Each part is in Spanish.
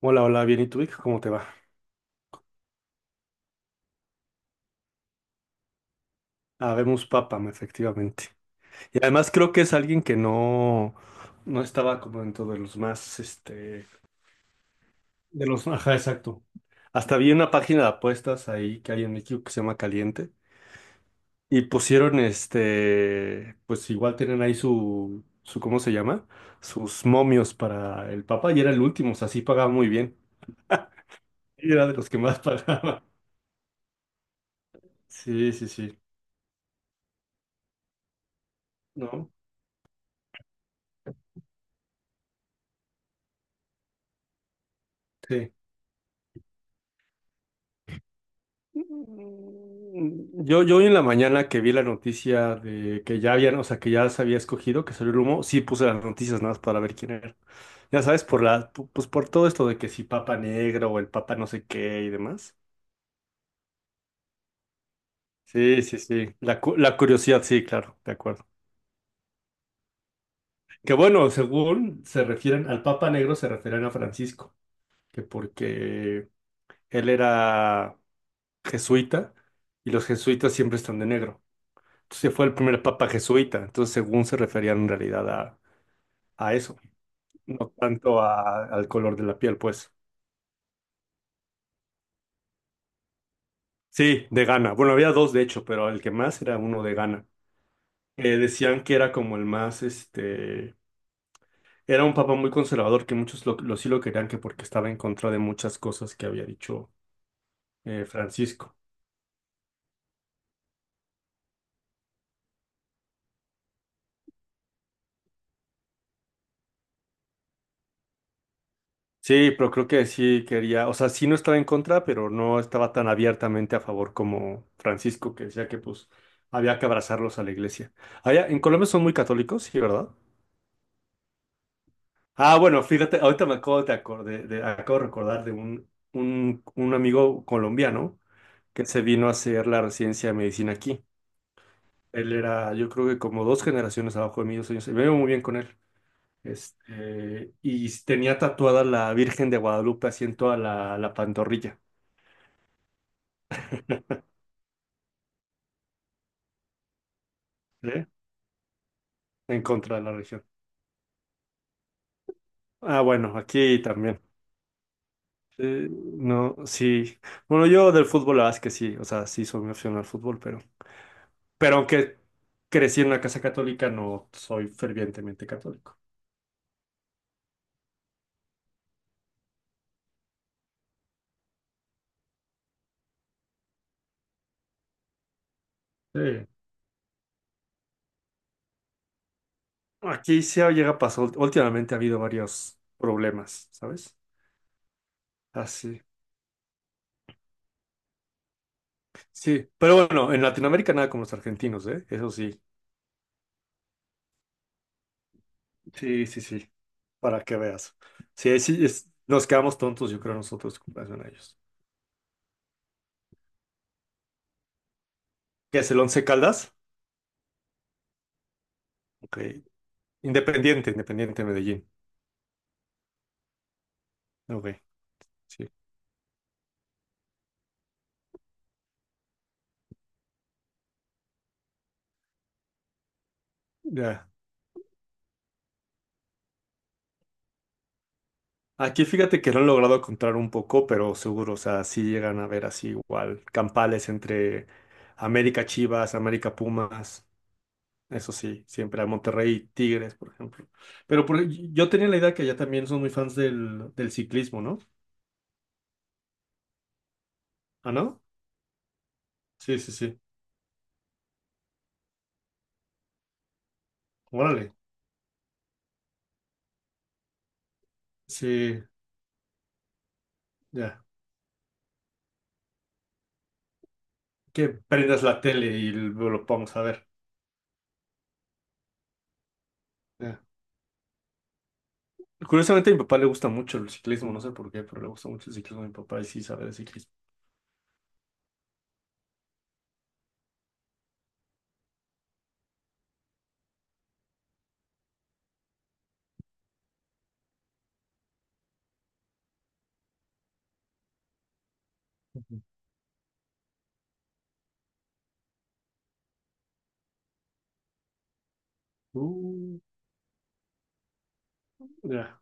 Hola, hola, bien, ¿y tú, Vic? ¿Cómo te va? Habemos Papam, efectivamente. Y además creo que es alguien que no estaba como dentro de los más, de los, ajá, exacto. Hasta vi una página de apuestas ahí que hay en México que se llama Caliente y pusieron, pues igual tienen ahí su, ¿cómo se llama? Sus momios para el Papa y era el último, o sea, sí pagaba muy bien. Y era de los que más pagaba. Sí, sí, sí, ¿no? Sí. Yo hoy en la mañana que vi la noticia de que ya habían, o sea, que ya se había escogido, que salió el humo, sí puse las noticias nada más para ver quién era. Ya sabes, pues por todo esto de que si Papa Negro o el Papa no sé qué y demás. Sí, sí, sí. La curiosidad, sí, claro, de acuerdo. Que bueno, según se refieren al Papa Negro, se refieren a Francisco, que porque él era jesuita y los jesuitas siempre están de negro. Se fue el primer papa jesuita, entonces según se referían en realidad a eso, no tanto al color de la piel, pues. Sí, de Ghana. Bueno, había dos de hecho, pero el que más era uno de Ghana. Decían que era como el más, era un papa muy conservador, que muchos lo sí lo querían, que porque estaba en contra de muchas cosas que había dicho, Francisco. Sí, pero creo que sí quería, o sea, sí no estaba en contra, pero no estaba tan abiertamente a favor como Francisco, que decía que pues había que abrazarlos a la iglesia. Allá, en Colombia son muy católicos, sí, ¿verdad? Ah, bueno, fíjate, ahorita me acabo de recordar de un amigo colombiano que se vino a hacer la residencia de medicina aquí. Él era, yo creo que como dos generaciones abajo de mí, 2 años, me veo muy bien con él. Y tenía tatuada la Virgen de Guadalupe así en toda la pantorrilla. ¿Sí? En contra de la región. Ah, bueno, aquí también. No, sí. Bueno, yo del fútbol, la verdad es que sí. O sea, sí soy muy aficionado al fútbol, pero. Pero aunque crecí en una casa católica, no soy fervientemente católico. Sí. Aquí sí llega a pasar. Últimamente ha habido varios problemas, ¿sabes? Así. Sí. Sí, pero bueno, en Latinoamérica nada como los argentinos, ¿eh? Eso sí. Sí, sí, sí. Para que veas. Sí, sí, nos quedamos tontos, yo creo, nosotros en comparación a ellos. ¿Qué es el Once Caldas? Ok. Independiente, Independiente Medellín. Ok, sí. Ya. Aquí fíjate que lo han logrado encontrar un poco, pero seguro, o sea, sí llegan a ver así igual campales entre América Chivas, América Pumas, eso sí, siempre a Monterrey Tigres, por ejemplo. Pero yo tenía la idea que allá también son muy fans del ciclismo, ¿no? ¿Ah, no? Sí, sí, sí. Órale. Sí, ya. Que prendas la tele y lo vamos a ver. Curiosamente, a mi papá le gusta mucho el ciclismo, no sé por qué, pero le gusta mucho el ciclismo a mi papá y sí sabe de ciclismo. Ujú. Uh, ya.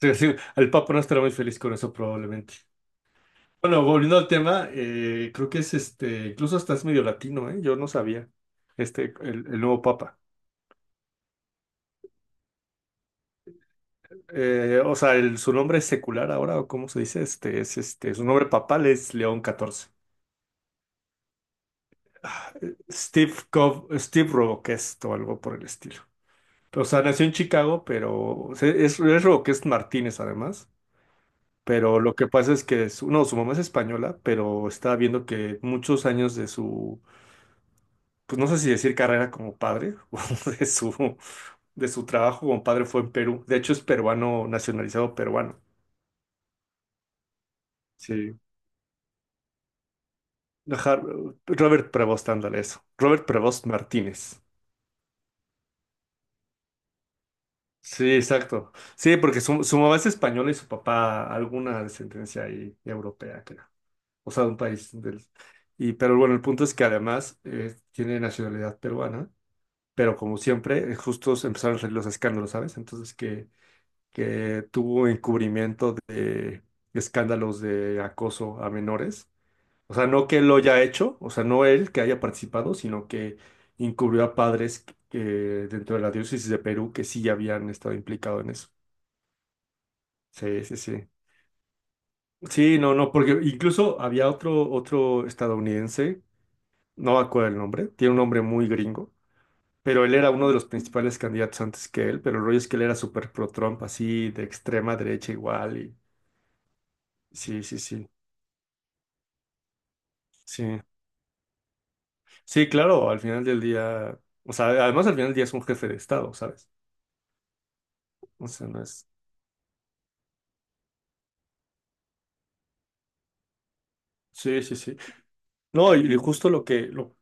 Sí, sí, el papá no estará muy feliz con eso probablemente. Bueno, volviendo al tema, creo que es, incluso hasta es medio latino, ¿eh? Yo no sabía, el nuevo Papa. O sea, su nombre es secular ahora, o cómo se dice, su nombre papal es León XIV. Ah, Steve Roboquest o algo por el estilo. O sea, nació en Chicago, pero es Roques Martínez además. Pero lo que pasa es que su, no, su mamá es española, pero está viendo que muchos años de su, pues no sé si decir carrera como padre, o de su, de su, trabajo como padre fue en Perú. De hecho, es peruano, nacionalizado peruano. Sí. Ajá, Robert Prevost, ándale eso. Robert Prevost Martínez. Sí, exacto. Sí, porque su mamá es española y su papá alguna descendencia ahí europea, creo. O sea, de un país. Y, pero bueno, el punto es que además tiene nacionalidad peruana, pero como siempre, justo se empezaron a salir los escándalos, ¿sabes? Entonces que tuvo encubrimiento de escándalos de acoso a menores. O sea, no que lo haya hecho, o sea, no él que haya participado, sino que encubrió a padres que, dentro de la diócesis de Perú, que sí habían estado implicados en eso. Sí, sí, sí. Sí, no, no, porque incluso había otro estadounidense, no me acuerdo el nombre, tiene un nombre muy gringo, pero él era uno de los principales candidatos antes que él, pero el rollo es que él era súper pro Trump, así de extrema derecha igual, y sí, sí, sí, sí, sí, claro, al final del día, o sea, además al final del día es un jefe de Estado, ¿sabes? O sea, no es, sí, sí, sí, no, y justo lo que, lo,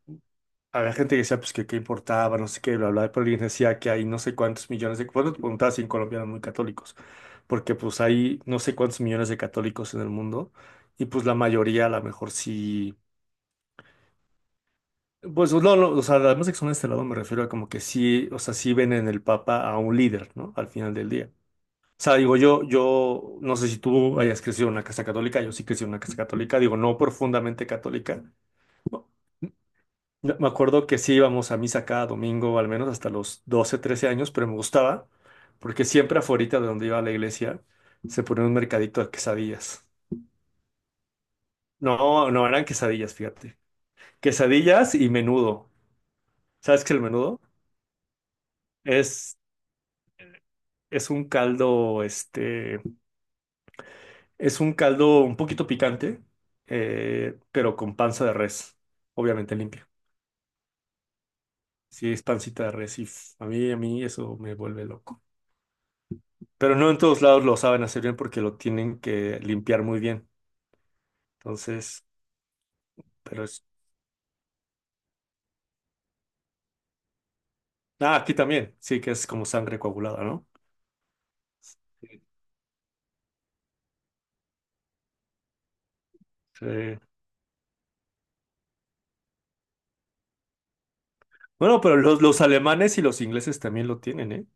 había gente que decía, pues, que qué importaba, no sé qué, bla, bla, pero alguien decía que hay no sé cuántos millones de... Bueno, te preguntaba si en Colombia eran muy católicos, porque pues hay no sé cuántos millones de católicos en el mundo, y pues la mayoría a lo mejor sí... Pues no, no, o sea, además de que son de este lado me refiero a como que sí, o sea, sí ven en el Papa a un líder, ¿no? Al final del día. O sea, digo, yo no sé si tú hayas crecido en una casa católica, yo sí crecí en una casa católica, digo, no profundamente católica. Me acuerdo que sí íbamos a misa cada domingo, al menos hasta los 12, 13 años, pero me gustaba porque siempre afuera de donde iba a la iglesia se ponía un mercadito de quesadillas. No, no eran quesadillas, fíjate. Quesadillas y menudo. ¿Sabes qué es el menudo? Es, es un caldo, es un caldo un poquito picante, pero con panza de res, obviamente limpia. Sí, es pancita de res y a mí eso me vuelve loco. Pero no en todos lados lo saben hacer bien porque lo tienen que limpiar muy bien. Entonces, pero es... Ah, aquí también, sí, que es como sangre coagulada, ¿no? Sí. Sí. Bueno, pero los alemanes y los ingleses también lo tienen, ¿eh?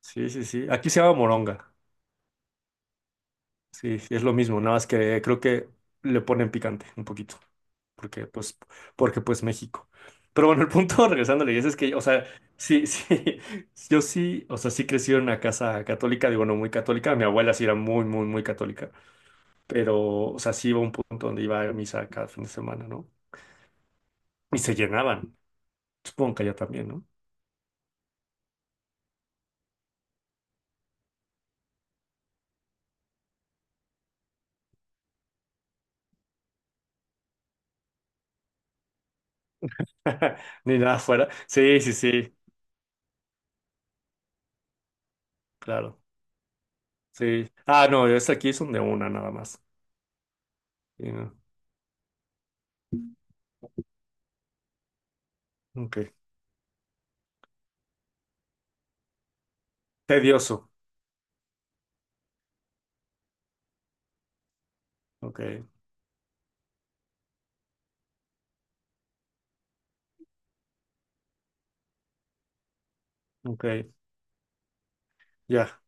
Sí, sí, sí. Aquí se llama moronga. Sí, sí, es lo mismo, nada más que creo que le ponen picante un poquito, porque pues, porque pues México. Pero bueno, el punto, regresando a la iglesia, es que, o sea, sí, sí, yo sí, o sea, sí crecí en una casa católica, digo, no muy católica, mi abuela sí era muy, muy, muy católica. Pero, o sea, sí iba a un punto donde iba a misa cada fin de semana, ¿no? Y se llenaban, supongo que allá también, ¿no? Ni nada fuera. Sí, sí, sí, claro, sí. Ah, no, es aquí son de una nada más. Sí, no. Ok. Tedioso. Ok, ok, ya.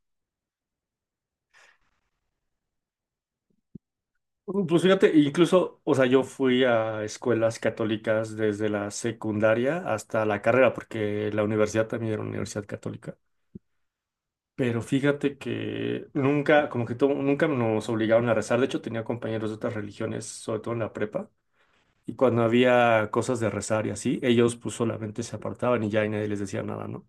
Pues fíjate, incluso, o sea, yo fui a escuelas católicas desde la secundaria hasta la carrera, porque la universidad también era una universidad católica. Pero fíjate que nunca, como que nunca nos obligaron a rezar. De hecho, tenía compañeros de otras religiones, sobre todo en la prepa. Y cuando había cosas de rezar y así, ellos pues solamente se apartaban y ya, y nadie les decía nada, ¿no?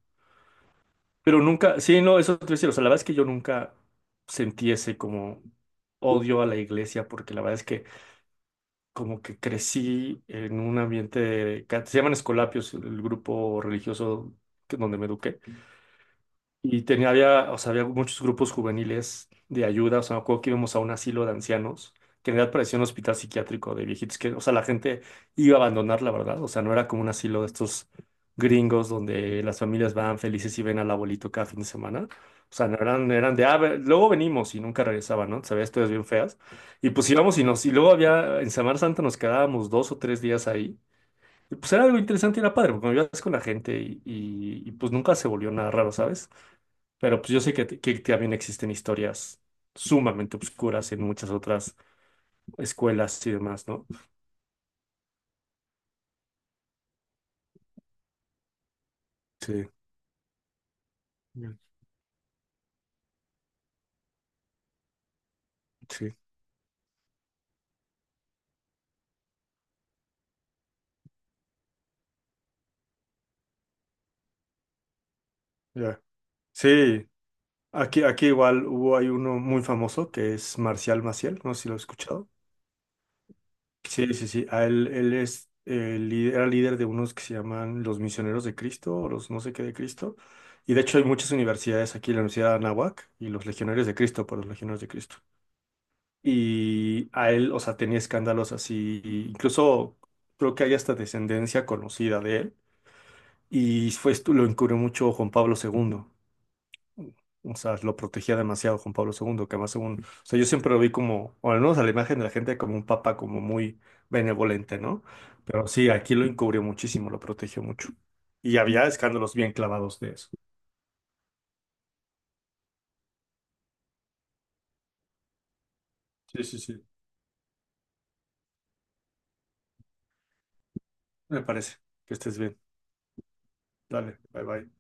Pero nunca, sí, no, eso te voy a decir. O sea, la verdad es que yo nunca sentí ese como odio a la iglesia, porque la verdad es que como que crecí en un ambiente, se llaman Escolapios, el grupo religioso donde me eduqué. Y tenía, había, o sea, había muchos grupos juveniles de ayuda. O sea, me acuerdo que íbamos a un asilo de ancianos, que en realidad parecía un hospital psiquiátrico de viejitos, que, o sea, la gente iba a abandonar, la verdad. O sea, no era como un asilo de estos gringos donde las familias van felices y ven al abuelito cada fin de semana. O sea, no eran, eran de, ah, luego venimos y nunca regresaban, ¿no? Sabías, historias bien feas. Y pues íbamos y nos, y luego había, en Semana Santa nos quedábamos 2 o 3 días ahí. Y pues era algo interesante y era padre, porque me ibas con la gente y, pues nunca se volvió nada raro, ¿sabes? Pero pues yo sé que también existen historias sumamente oscuras en muchas otras escuelas y demás, ¿no? Sí, bien, sí, ya. Sí, aquí igual hubo, hay uno muy famoso que es Marcial Maciel, no sé si lo has escuchado. Sí, sí, sí, a él, él es, era líder de unos que se llaman los Misioneros de Cristo o los no sé qué de Cristo. Y de hecho hay muchas universidades aquí, la Universidad de Anáhuac y los Legionarios de Cristo, por los Legionarios de Cristo. Y a él, o sea, tenía escándalos así, incluso creo que hay hasta descendencia conocida de él. Y fue, lo encubrió mucho Juan Pablo segundo. O sea, lo protegía demasiado Juan Pablo segundo, que además según, o sea, yo siempre lo vi como, o al menos a la imagen de la gente, como un papa como muy benevolente, ¿no? Pero sí, aquí lo encubrió muchísimo, lo protegió mucho. Y había escándalos bien clavados de eso. Sí, sí, sí, me parece. Que estés bien. Dale, bye bye.